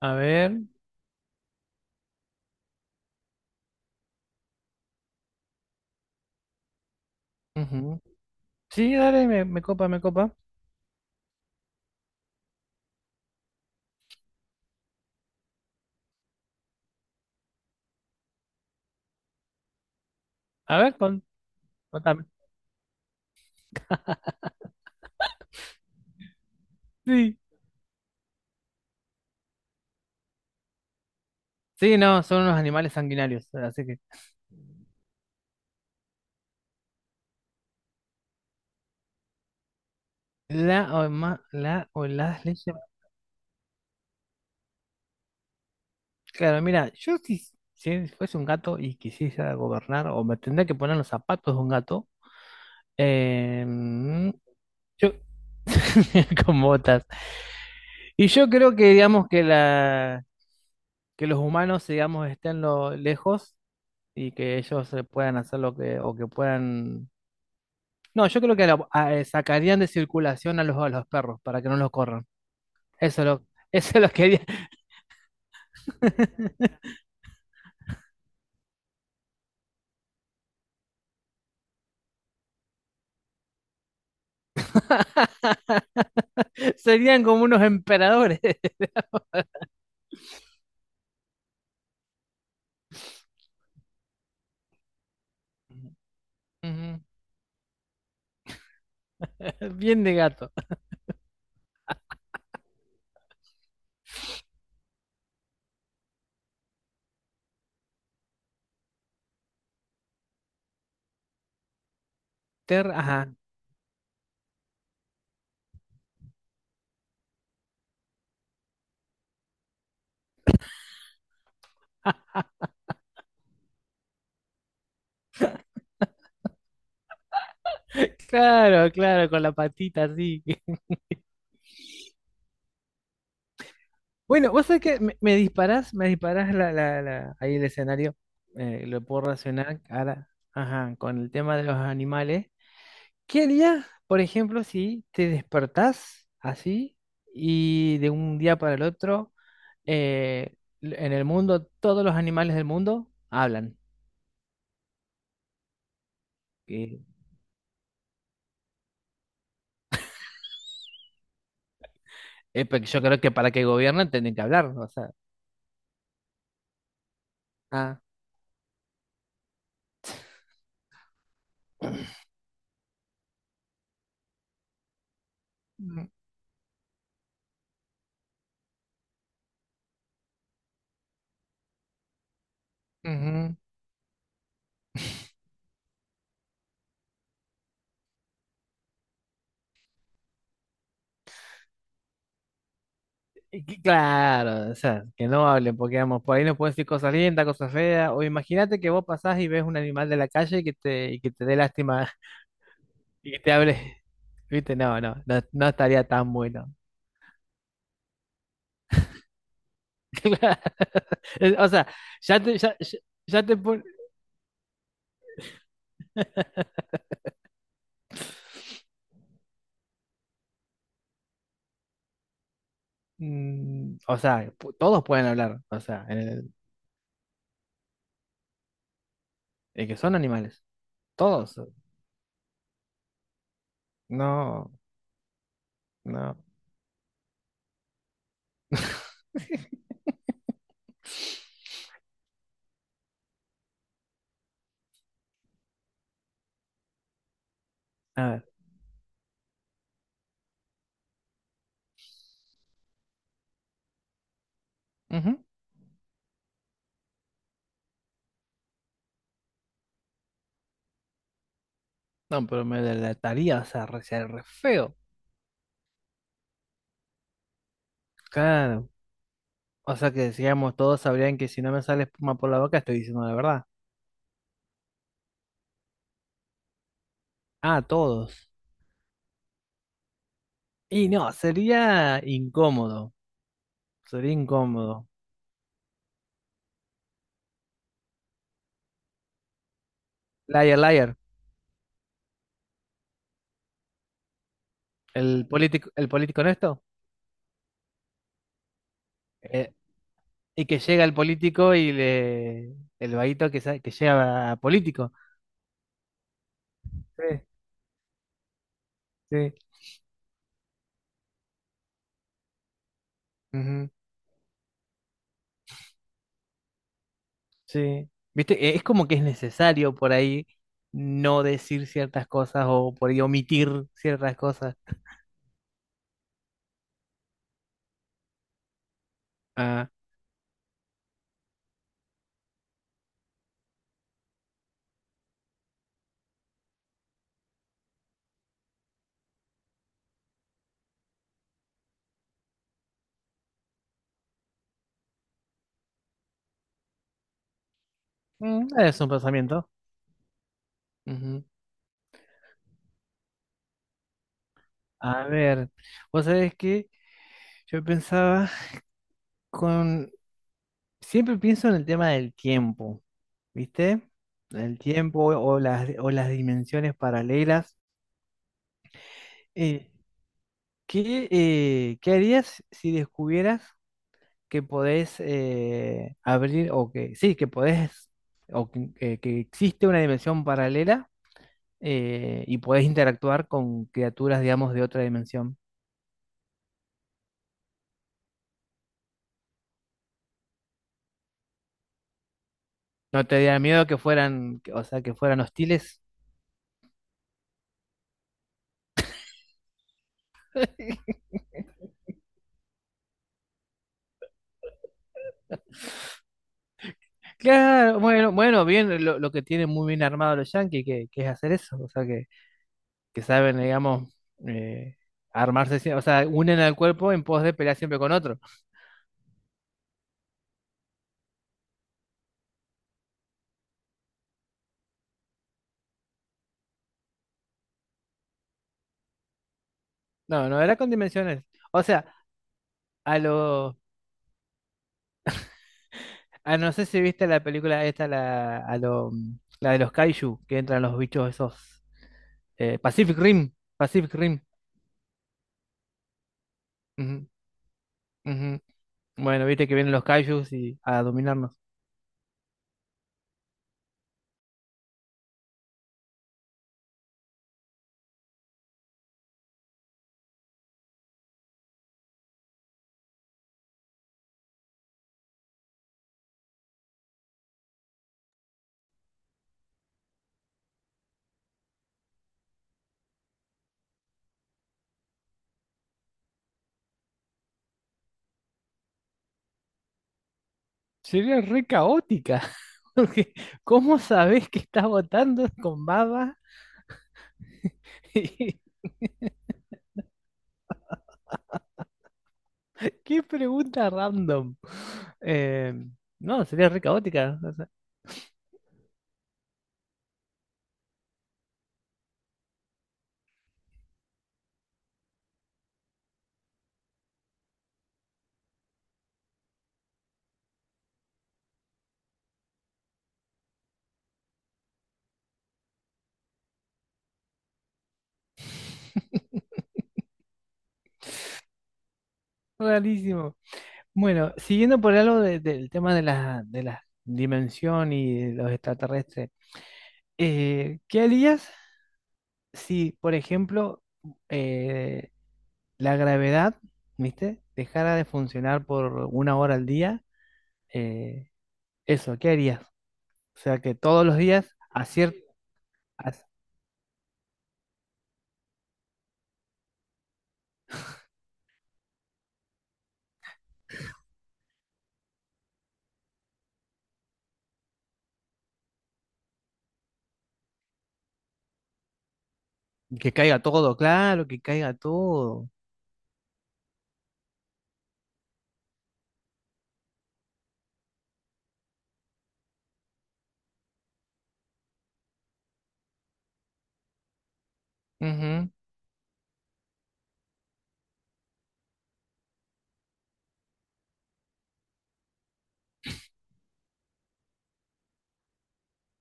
A ver. Ujú. Sí, dale, me copa, me copa. A ver, contame. Sí. Sí, no, son unos animales sanguinarios. Así que. La o las leyes. Claro, mira, yo si, si fuese un gato y quisiera gobernar, o me tendría que poner los zapatos de un gato. em, yo, con botas. Y yo creo que, digamos, que los humanos, digamos, estén lejos y que ellos puedan hacer lo que, o que puedan. No, yo creo que sacarían de circulación a a los perros para que no los corran. Eso lo, Eso lo quería. Serían como unos emperadores. Ujú. Bien de gato. Ajá. Claro, claro, con la patita así. Bueno, vos sabés que me disparás ahí el escenario. Lo puedo relacionar ahora, ajá, con el tema de los animales. ¿Qué harías, por ejemplo, si te despertás así y de un día para el otro, eh, en el mundo, todos los animales del mundo hablan? Que- porque yo creo que para que gobiernen tienen que hablar, ¿no? O sea, ah, mm, ujú. Claro, o sea, que no hablen, porque vamos, por ahí nos pueden decir cosas lindas, cosas feas, o imagínate que vos pasás y ves un animal de la calle y que te dé lástima y que te hable, viste, no estaría tan bueno. O sea, ya te, ya, ya- ya te pon- mm. O sea, todos pueden hablar. O sea, en que son animales. Todos. No, no. A ver. Ujú. No, pero me delataría, o sea, re, sería re feo. Claro. O sea que digamos, todos sabrían que si no me sale espuma por la boca, estoy diciendo la verdad. Ah, todos. Y no, sería incómodo. Sería incómodo. Liar, liar. El político honesto. eh, Y que llega el político y le. El vaguito que, que llega a político. Sí, sí, ujú, sí. ¿Viste? Es como que es necesario por ahí no decir ciertas cosas o por ahí omitir ciertas cosas. Ah, mm, es un pensamiento. Ujú. A ver, vos sabés que yo pensaba con. Siempre pienso en el tema del tiempo, ¿viste? El tiempo o o las dimensiones paralelas. Eh, ¿Qué, qué harías si descubrieras que podés abrir o que sí, que podés o que, que existe una dimensión paralela y podés interactuar con criaturas, digamos, de otra dimensión? ¿No te daría miedo que fueran, o sea, que fueran hostiles? Claro, bueno, bueno, bien, lo que tienen muy bien armado los yankees, que es hacer eso, o sea, que saben, digamos, eh, armarse, o sea, unen al cuerpo en pos de pelear siempre con otro. No, no era con dimensiones. O sea, a lo, a no sé si viste la película esta, la, la de los kaiju, que entran los bichos esos. Pacific Rim, Pacific Rim. Ujú, ujú. Bueno, viste que vienen los kaijus y a dominarnos. Sería re caótica. Porque ¿cómo sabés que estás votando con baba? Qué pregunta random. Eh, no, sería re caótica. O sea, rarísimo. Bueno, siguiendo por algo del tema de la dimensión y de los extraterrestres, ¿qué harías si, por ejemplo, eh, la gravedad, ¿viste? Dejara de funcionar por 1 hora al día? Eh, eso, ¿qué harías? O sea, que todos los días a a- que caiga todo, claro, que caiga todo. Ujú.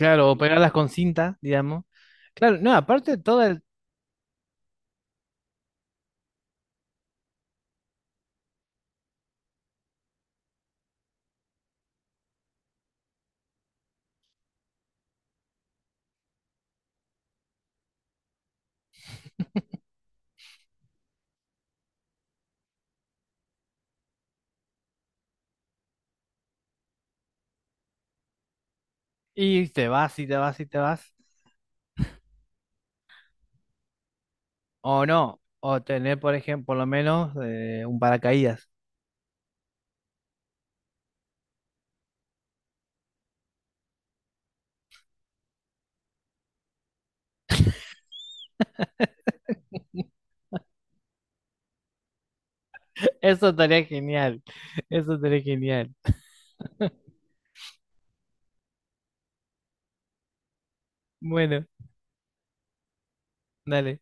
Claro, o pegarlas con cinta, digamos. Claro, no, aparte todo el... Y te vas y te vas y te vas. O no, o tener, por ejemplo, por lo menos un paracaídas. Eso estaría genial. Eso estaría genial. Bueno, dale.